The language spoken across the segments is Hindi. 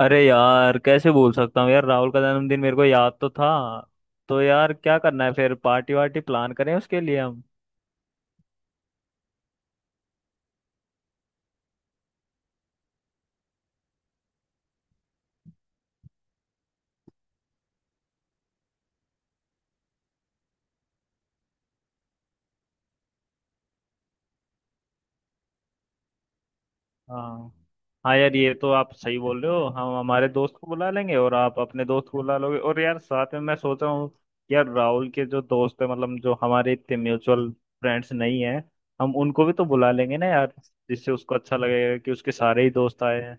अरे यार कैसे भूल सकता हूँ यार, राहुल का जन्मदिन मेरे को याद तो था। तो यार क्या करना है फिर, पार्टी वार्टी प्लान करें उसके लिए हम। हाँ। हाँ यार ये तो आप सही बोल रहे हो, हम हमारे दोस्त को बुला लेंगे और आप अपने दोस्त को बुला लोगे, और यार साथ में मैं सोच रहा हूँ, यार राहुल के जो दोस्त है मतलब जो हमारे इतने म्यूचुअल फ्रेंड्स नहीं है, हम उनको भी तो बुला लेंगे ना यार। जिससे उसको अच्छा लगेगा कि उसके सारे ही दोस्त आए हैं।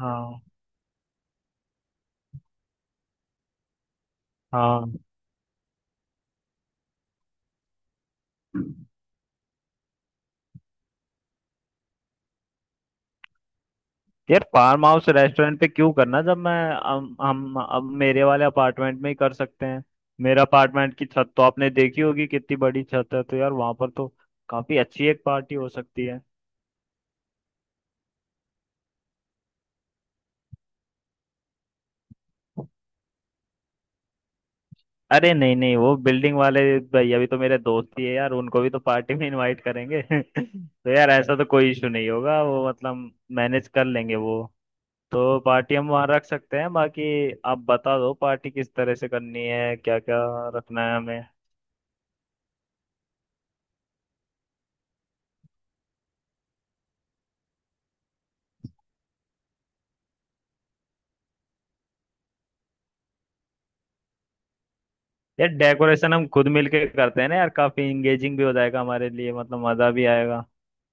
हाँ। हाँ यार फार्म हाउस रेस्टोरेंट पे क्यों करना, जब मैं हम अब मेरे वाले अपार्टमेंट में ही कर सकते हैं। मेरा अपार्टमेंट की छत तो आपने देखी होगी, कितनी बड़ी छत है, तो यार वहां पर तो काफी अच्छी एक पार्टी हो सकती है। अरे नहीं नहीं, वो बिल्डिंग वाले भैया भी तो मेरे दोस्त ही है यार, उनको भी तो पार्टी में इनवाइट करेंगे तो यार ऐसा तो कोई इशू नहीं होगा, वो मतलब मैनेज कर लेंगे वो। तो पार्टी हम वहाँ रख सकते हैं। बाकी आप बता दो पार्टी किस तरह से करनी है, क्या क्या रखना है। यार डेकोरेशन हम खुद मिलके करते हैं ना यार, काफी इंगेजिंग भी हो जाएगा हमारे लिए, मतलब मजा भी आएगा।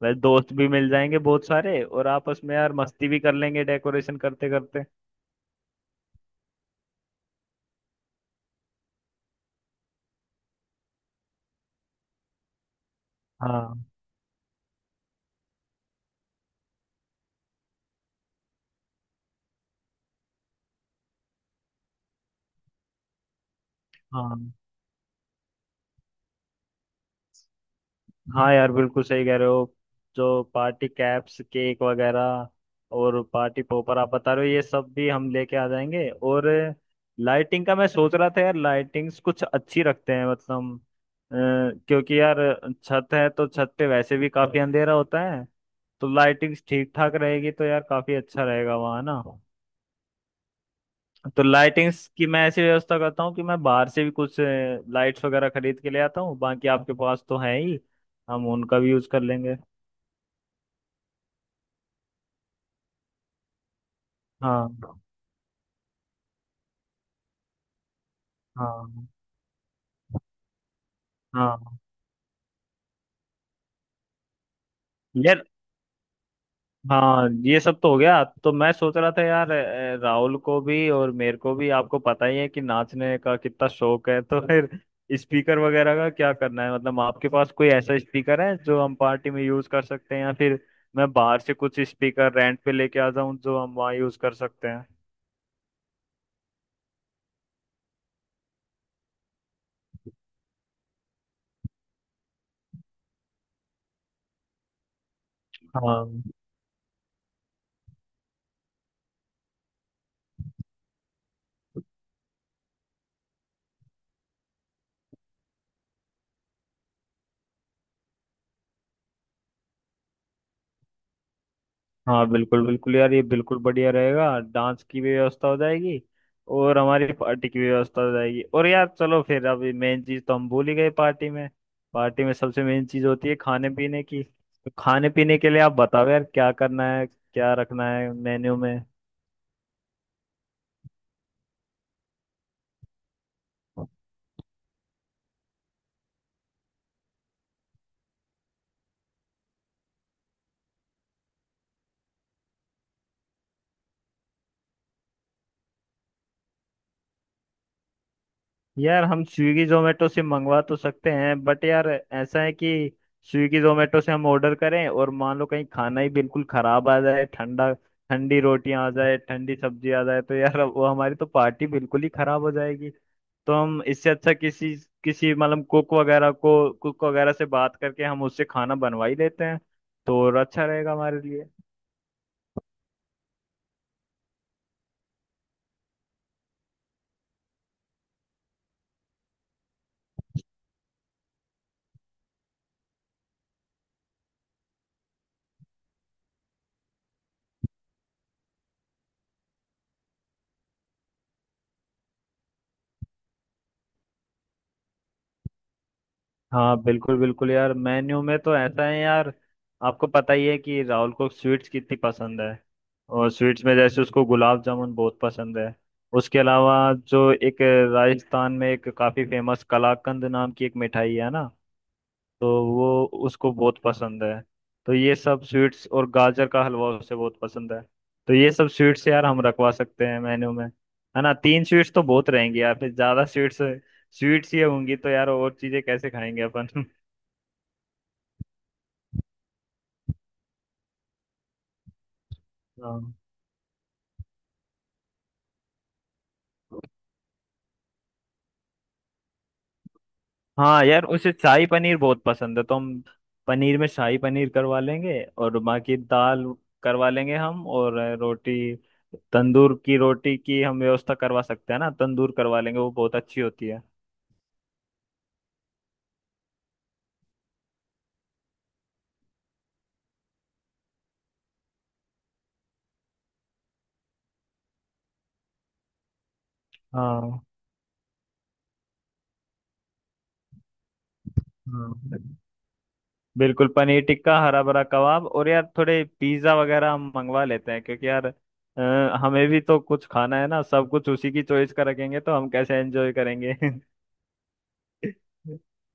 वैसे दोस्त भी मिल जाएंगे बहुत सारे, और आपस में यार मस्ती भी कर लेंगे डेकोरेशन करते करते। हाँ। हाँ। हाँ यार बिल्कुल सही कह रहे हो। जो पार्टी कैप्स, केक वगैरह और पार्टी पॉपर आप बता रहे हो, ये सब भी हम लेके आ जाएंगे। और लाइटिंग का मैं सोच रहा था यार, लाइटिंग्स कुछ अच्छी रखते हैं, मतलब अ, क्योंकि यार छत है तो छत पे वैसे भी काफी अंधेरा होता है, तो लाइटिंग्स ठीक ठाक रहेगी तो यार काफी अच्छा रहेगा वहाँ ना। तो लाइटिंग्स की मैं ऐसी व्यवस्था करता हूँ कि मैं बाहर से भी कुछ लाइट्स वगैरह खरीद के ले आता हूँ, बाकी आपके पास तो है ही, हम उनका भी यूज कर लेंगे। हाँ। हाँ। हाँ यार। हाँ ये सब तो हो गया। तो मैं सोच रहा था यार, राहुल को भी और मेरे को भी आपको पता ही है कि नाचने का कितना शौक है तो फिर स्पीकर वगैरह का क्या करना है, मतलब आपके पास कोई ऐसा स्पीकर है जो हम पार्टी में यूज कर सकते हैं, या फिर मैं बाहर से कुछ स्पीकर रेंट पे लेके आ जाऊं जो हम वहाँ यूज कर सकते हैं। हाँ। हाँ बिल्कुल बिल्कुल यार, ये बिल्कुल बढ़िया रहेगा, डांस की भी व्यवस्था हो जाएगी और हमारी पार्टी की भी व्यवस्था हो जाएगी। और यार चलो फिर, अभी मेन चीज तो हम भूल ही गए। पार्टी में सबसे मेन चीज होती है खाने पीने की। तो खाने पीने के लिए आप बताओ यार क्या करना है, क्या रखना है मेन्यू में। यार हम स्विगी जोमेटो से मंगवा तो सकते हैं, बट यार ऐसा है कि स्विगी जोमेटो से हम ऑर्डर करें और मान लो कहीं खाना ही बिल्कुल खराब आ जाए, ठंडा, ठंडी रोटियां आ जाए, ठंडी सब्जी आ जाए, तो यार वो हमारी तो पार्टी बिल्कुल ही खराब हो जाएगी। तो हम इससे अच्छा किसी किसी मतलब कुक वगैरह को कुक वगैरह से बात करके हम उससे खाना बनवा ही लेते हैं, तो और अच्छा रहेगा हमारे लिए। हाँ बिल्कुल बिल्कुल यार, मेन्यू में तो ऐसा है यार, आपको पता ही है कि राहुल को स्वीट्स कितनी पसंद है। और स्वीट्स में जैसे उसको गुलाब जामुन बहुत पसंद है। उसके अलावा जो एक राजस्थान में एक काफ़ी फेमस कलाकंद नाम की एक मिठाई है ना, तो वो उसको बहुत पसंद है। तो ये सब स्वीट्स और गाजर का हलवा उसे बहुत पसंद है। तो ये सब स्वीट्स यार हम रखवा सकते हैं मेन्यू में, है ना। तीन स्वीट्स तो बहुत रहेंगी यार, फिर ज़्यादा स्वीट्स स्वीट्स ये होंगी तो यार और चीज़ें कैसे खाएंगे अपन। हाँ। हाँ यार उसे शाही पनीर बहुत पसंद है, तो हम पनीर में शाही पनीर करवा लेंगे, और बाकी दाल करवा लेंगे हम, और रोटी, तंदूर की रोटी की हम व्यवस्था करवा सकते हैं ना, तंदूर करवा लेंगे, वो बहुत अच्छी होती है। हाँ। हाँ बिल्कुल, पनीर टिक्का, हरा भरा कबाब, और यार थोड़े पिज्ज़ा वगैरह हम मंगवा लेते हैं, क्योंकि यार अ, हमें भी तो कुछ खाना है ना, सब कुछ उसी की चॉइस का रखेंगे तो हम कैसे एंजॉय करेंगे।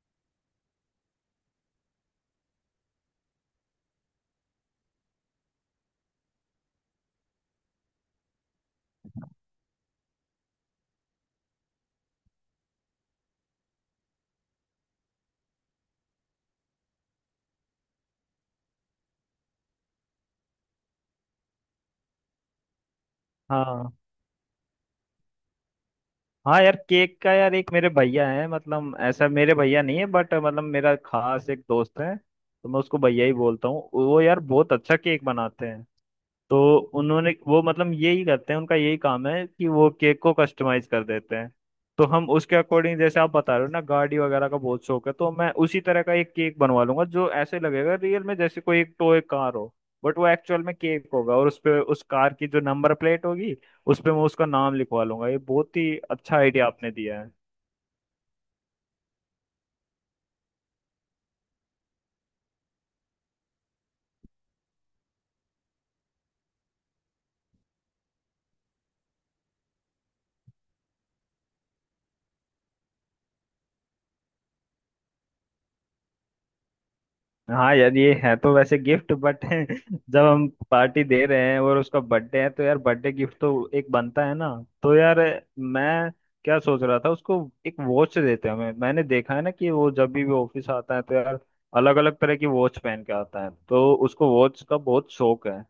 हाँ। हाँ यार केक का, यार एक मेरे भैया है, मतलब ऐसा मेरे भैया नहीं है बट मतलब मेरा खास एक दोस्त है तो मैं उसको भैया ही बोलता हूँ, वो यार बहुत अच्छा केक बनाते हैं। तो उन्होंने वो मतलब यही करते हैं, उनका यही काम है कि वो केक को कस्टमाइज कर देते हैं। तो हम उसके अकॉर्डिंग, जैसे आप बता रहे हो ना गाड़ी वगैरह का बहुत शौक है, तो मैं उसी तरह का एक केक बनवा लूंगा जो ऐसे लगेगा रियल में जैसे कोई एक टॉय कार हो, बट वो एक्चुअल में केक होगा, और उस पे उस कार की जो नंबर प्लेट होगी उस पे मैं उसका नाम लिखवा लूंगा। ये बहुत ही अच्छा आइडिया आपने दिया है। हाँ यार ये है तो वैसे गिफ्ट, बट जब हम पार्टी दे रहे हैं और उसका बर्थडे है तो यार बर्थडे गिफ्ट तो एक बनता है ना। तो यार मैं क्या सोच रहा था, उसको एक वॉच देते हैं हमें। मैंने देखा है ना कि वो जब भी वो ऑफिस आता है तो यार अलग अलग तरह की वॉच पहन के आता है, तो उसको वॉच का बहुत शौक है।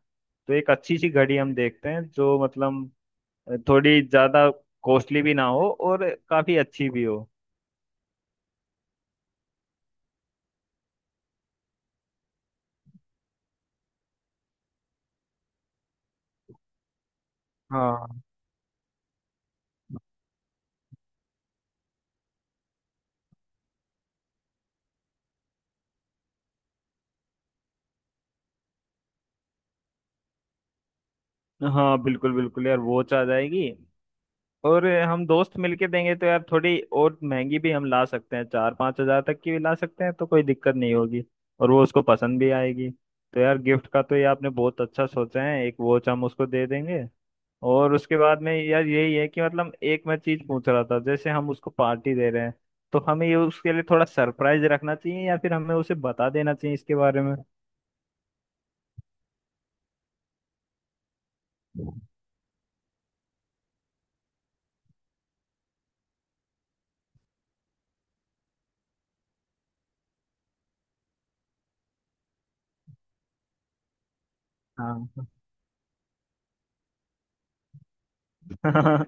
तो एक अच्छी सी घड़ी हम देखते हैं जो मतलब थोड़ी ज्यादा कॉस्टली भी ना हो, और काफी अच्छी भी हो। हाँ। हाँ बिल्कुल बिल्कुल यार, वॉच आ जाएगी। और हम दोस्त मिलके देंगे तो यार थोड़ी और महंगी भी हम ला सकते हैं, 4-5 हजार तक की भी ला सकते हैं, तो कोई दिक्कत नहीं होगी। और वो उसको पसंद भी आएगी, तो यार गिफ्ट का तो ये आपने बहुत अच्छा सोचा है, एक वॉच हम उसको दे देंगे। और उसके बाद में यार यही है कि मतलब एक मैं चीज पूछ रहा था, जैसे हम उसको पार्टी दे रहे हैं, तो हमें ये उसके लिए थोड़ा सरप्राइज रखना चाहिए, या फिर हमें उसे बता देना चाहिए इसके बारे में। हाँ। हाँ,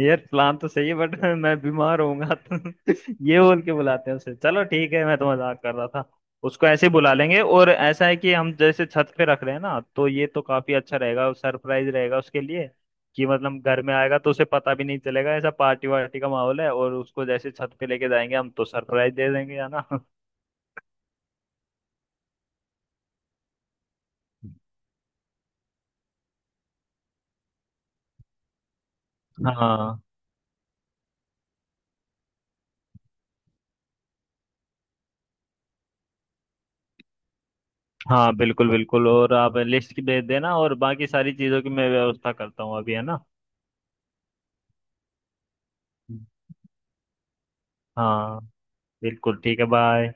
यार प्लान तो सही है बट मैं बीमार होऊंगा तो ये बोल के बुलाते हैं उसे? चलो ठीक है, मैं तो मजाक कर रहा था। उसको ऐसे ही बुला लेंगे, और ऐसा है कि हम जैसे छत पे रख रहे हैं ना, तो ये तो काफी अच्छा रहेगा, सरप्राइज रहेगा उसके लिए। कि मतलब घर में आएगा तो उसे पता भी नहीं चलेगा ऐसा पार्टी वार्टी का माहौल है, और उसको जैसे छत पे लेके जाएंगे हम तो सरप्राइज दे देंगे, है ना। हाँ। हाँ बिल्कुल बिल्कुल, और आप लिस्ट की भेज देना, और बाकी सारी चीजों की मैं व्यवस्था करता हूँ अभी, है ना। हाँ बिल्कुल ठीक है, बाय।